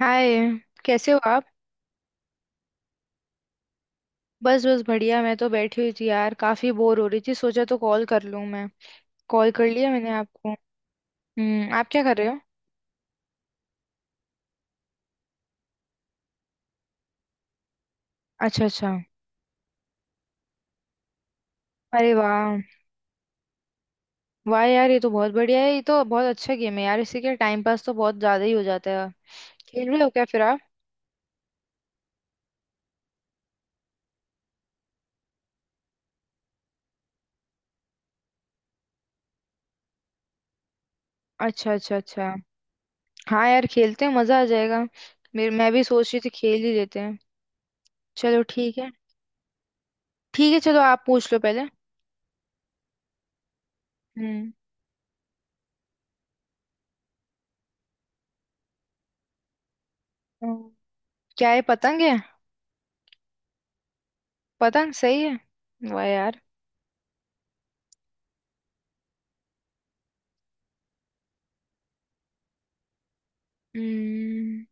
हाय। कैसे हो आप। बस बस बढ़िया। मैं तो बैठी हुई थी यार, काफी बोर हो रही थी, सोचा तो कॉल कर लूं मैं। कॉल कर लिया मैंने आपको। हम्म, आप क्या कर रहे हो। अच्छा अच्छा। अरे वाह। वाह यार, ये तो बहुत बढ़िया है, ये तो बहुत अच्छा गेम है यार, इससे क्या टाइम पास तो बहुत ज्यादा ही हो जाता है। खेल रहे हो क्या फिर आप। अच्छा अच्छा अच्छा। हाँ यार, खेलते हैं, मजा आ जाएगा। मेरे मैं भी सोच रही थी, खेल ही लेते हैं। चलो ठीक है। ठीक है, चलो आप पूछ लो पहले। हम्म हम्म, क्या है, पतंग है। पतंग सही है। वाह यार। हम्म,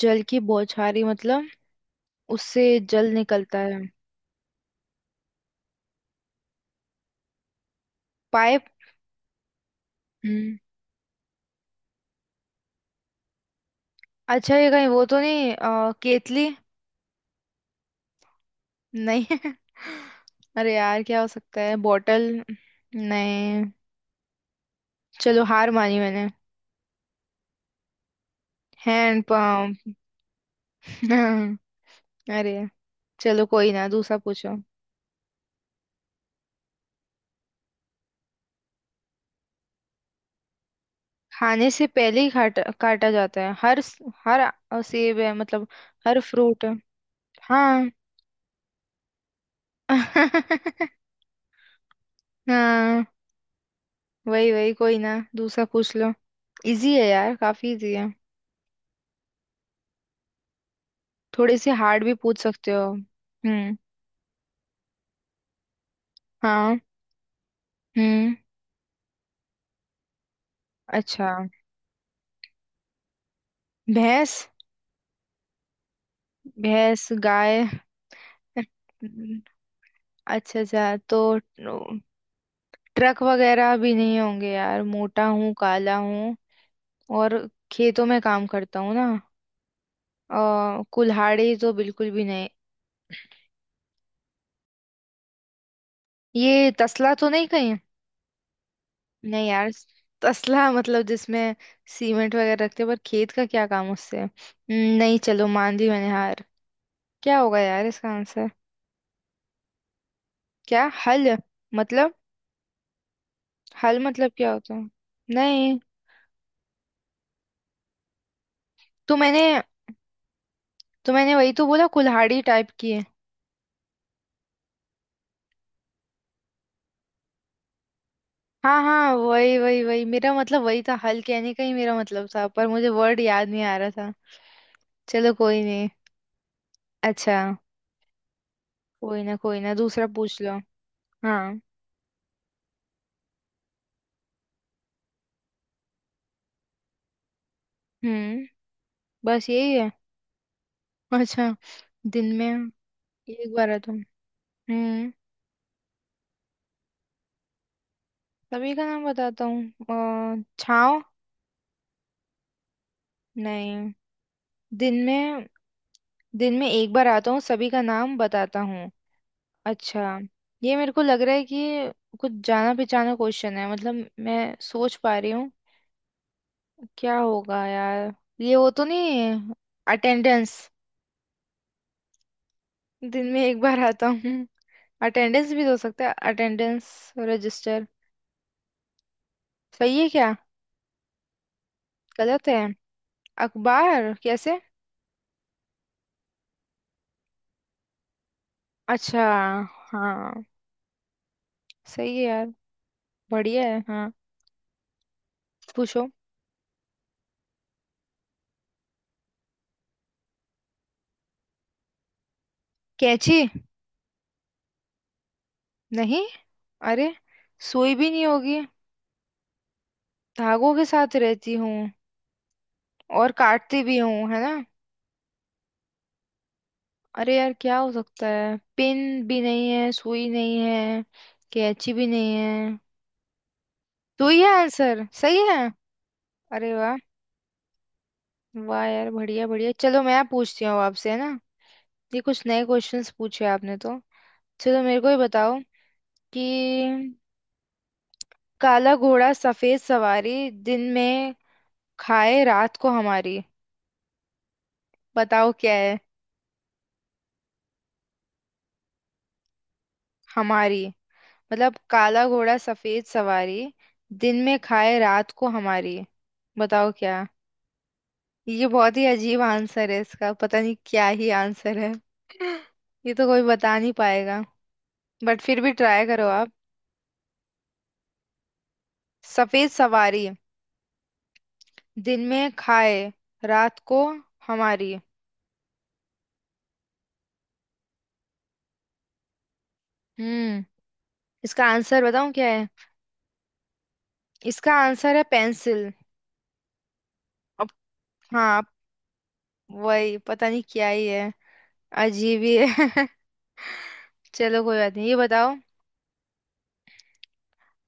जल की बौछारी मतलब। उससे जल निकलता है, पाइप। हम्म। अच्छा, ये कहीं वो तो नहीं, केतली। नहीं। अरे यार, क्या हो सकता है, बॉटल। नहीं। चलो हार मानी मैंने। Hand pump. अरे। चलो कोई ना, दूसरा पूछो। खाने से पहले ही काटा काटा जाता है, हर, सेब है मतलब। हर फ्रूट है। हाँ। हाँ वही वही, कोई ना दूसरा पूछ लो। इजी है यार, काफी इजी है। थोड़े से हार्ड भी पूछ सकते हो। हम्म। हाँ। हम्म। अच्छा, भैंस। भैंस गाय। अच्छा अच्छा तो, ट्रक वगैरह भी नहीं होंगे यार, मोटा हूँ काला हूँ, और खेतों में काम करता हूँ ना। कुल्हाड़ी तो बिल्कुल भी नहीं। ये तसला तो नहीं कहीं। नहीं यार, तसला मतलब जिसमें सीमेंट वगैरह रखते हैं, पर खेत का क्या काम उससे। नहीं, चलो मान ली मैंने हार। क्या होगा यार इसका आंसर। क्या हल मतलब। हल मतलब क्या होता है। नहीं। तो मैंने तो मैंने वही तो बोला, कुल्हाड़ी टाइप की है। हाँ हाँ, वही वही वही मेरा मतलब, वही था, हल कहने का ही मेरा मतलब था, पर मुझे वर्ड याद नहीं आ रहा था। चलो कोई नहीं। अच्छा। कोई ना दूसरा पूछ लो। हाँ। हम्म। बस यही है। अच्छा। दिन में एक बार है तुम। हम्म। सभी का नाम बताता हूँ। छाँव। नहीं। दिन में दिन में एक बार आता हूँ सभी का नाम बताता हूँ। अच्छा। ये मेरे को लग रहा है कि ये कुछ जाना पहचाना क्वेश्चन है मतलब, मैं सोच पा रही हूँ क्या होगा यार। ये वो तो नहीं, अटेंडेंस। दिन में एक बार आता हूँ। अटेंडेंस भी तो हो सकता है, अटेंडेंस रजिस्टर। सही है क्या। गलत है। अखबार कैसे। अच्छा। हाँ। सही है यार। बढ़िया है हाँ। पूछो। कैंची। नहीं। अरे। सुई भी नहीं होगी। धागों के साथ रहती हूँ और काटती भी हूँ है ना। अरे यार क्या हो सकता है, पिन भी नहीं है, सुई नहीं है, कैंची भी नहीं है। सुई है आंसर, सही है। अरे वाह। वाह यार, बढ़िया बढ़िया। चलो मैं पूछती हूँ अब आपसे है ना। ये कुछ नए क्वेश्चंस पूछे आपने तो। चलो मेरे को ही बताओ कि काला घोड़ा सफेद सवारी, दिन में खाए रात को हमारी, बताओ क्या है। हमारी मतलब, काला घोड़ा सफेद सवारी, दिन में खाए रात को हमारी, बताओ क्या। ये बहुत ही अजीब आंसर है इसका, पता नहीं क्या ही आंसर है। ये तो कोई बता नहीं पाएगा, बट फिर भी ट्राई करो आप। सफेद सवारी, दिन में खाए, रात को हमारी। हम्म। इसका आंसर बताऊं क्या है। इसका आंसर है पेंसिल। अब, हाँ, वही पता नहीं क्या ही है, अजीब ही है। चलो कोई बात नहीं, ये बताओ।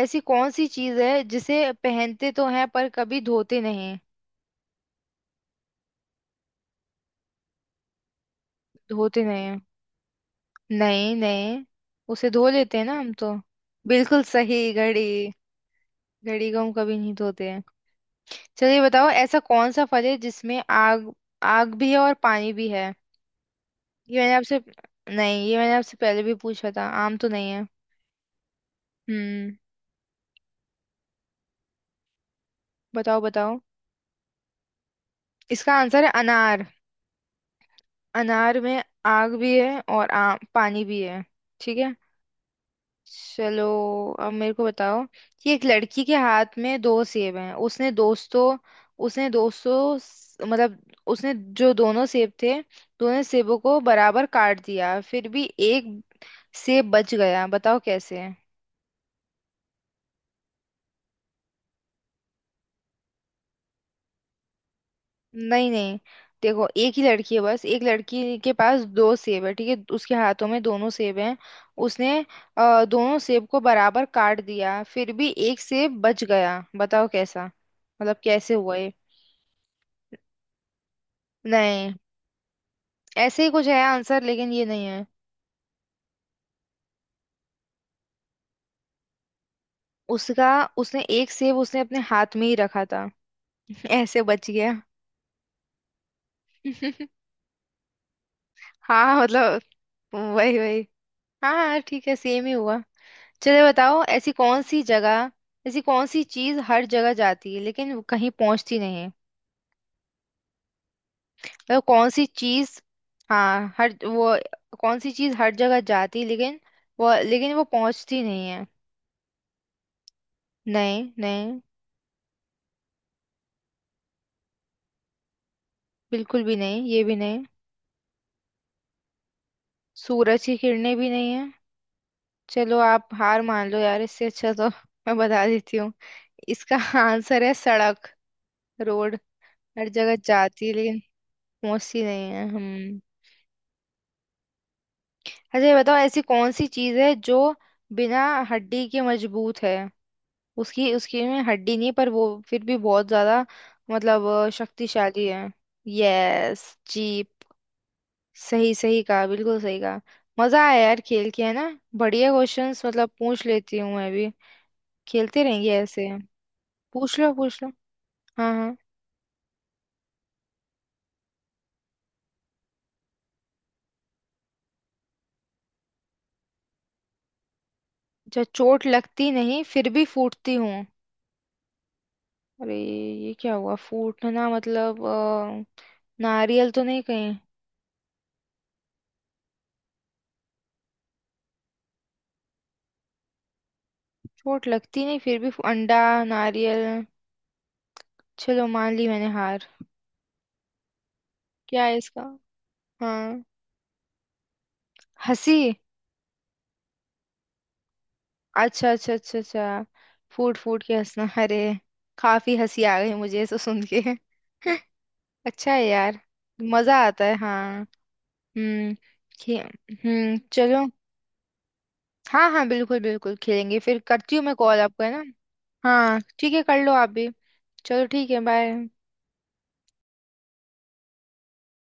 ऐसी कौन सी चीज है जिसे पहनते तो हैं पर कभी धोते नहीं। धोते नहीं हैं? नहीं नहीं, उसे धो लेते हैं ना हम तो। बिल्कुल सही, घड़ी। घड़ी को हम कभी नहीं धोते हैं। चलिए बताओ, ऐसा कौन सा फल है जिसमें आग, आग भी है और पानी भी है। ये मैंने आपसे नहीं, ये मैंने आपसे पहले भी पूछा था, आम तो नहीं है। हम्म। बताओ बताओ। इसका आंसर है अनार। अनार में आग भी है और आम पानी भी है। ठीक है। चलो अब मेरे को बताओ कि एक लड़की के हाथ में दो सेब हैं। मतलब उसने जो दोनों सेब थे, दोनों सेबों को बराबर काट दिया, फिर भी एक सेब बच गया, बताओ कैसे। नहीं नहीं, देखो एक ही लड़की है, बस एक लड़की के पास दो सेब है, ठीक है, उसके हाथों में दोनों सेब हैं। उसने, दोनों सेब को बराबर काट दिया, फिर भी एक सेब बच गया, बताओ कैसा। मतलब कैसे हुआ ये। नहीं, ऐसे ही कुछ है आंसर, लेकिन ये नहीं है। उसका उसने एक सेब, उसने अपने हाथ में ही रखा था। ऐसे बच गया। हाँ मतलब, वही वही। हाँ हाँ, ठीक है, सेम ही हुआ। चलिए बताओ, ऐसी कौन सी चीज हर जगह जाती है लेकिन वो कहीं पहुंचती नहीं है। मतलब कौन सी चीज। हाँ हर वो कौन सी चीज हर जगह जाती है लेकिन, वो पहुंचती नहीं है। नहीं नहीं, बिल्कुल भी नहीं, ये भी नहीं। सूरज की किरणें भी नहीं। चलो आप हार मान लो यार, इससे अच्छा तो मैं बता देती हूँ। इसका आंसर है सड़क, रोड। हर जगह जाती है लेकिन पहुंचती नहीं है हम। अच्छा ये बताओ, ऐसी कौन सी चीज है जो बिना हड्डी के मजबूत है। उसकी उसकी में हड्डी नहीं पर वो फिर भी बहुत ज्यादा, मतलब शक्तिशाली है। Yes, jeep. सही सही कहा, बिल्कुल सही कहा। मजा आया यार खेल के है ना। बढ़िया क्वेश्चंस मतलब पूछ लेती हूँ मैं भी। खेलते रहेंगे ऐसे। पूछ लो पूछ लो। हाँ हाँ। जब चोट लगती नहीं फिर भी फूटती हूँ। अरे ये क्या हुआ, फूटना मतलब, नारियल तो नहीं कहीं। चोट लगती नहीं फिर भी अंडा, नारियल। चलो मान ली मैंने हार। क्या है इसका। हाँ। हंसी। अच्छा अच्छा अच्छा अच्छा। फूट फूट के हंसना, अरे काफी हंसी आ गई मुझे इसको सुन के। अच्छा है यार। मजा आता है हाँ। हम्म। खे- हम्म, चलो। हाँ हाँ, बिल्कुल बिल्कुल, खेलेंगे फिर, करती हूँ मैं कॉल आपको है ना। हाँ ठीक है, कर लो आप भी। चलो ठीक है, बाय।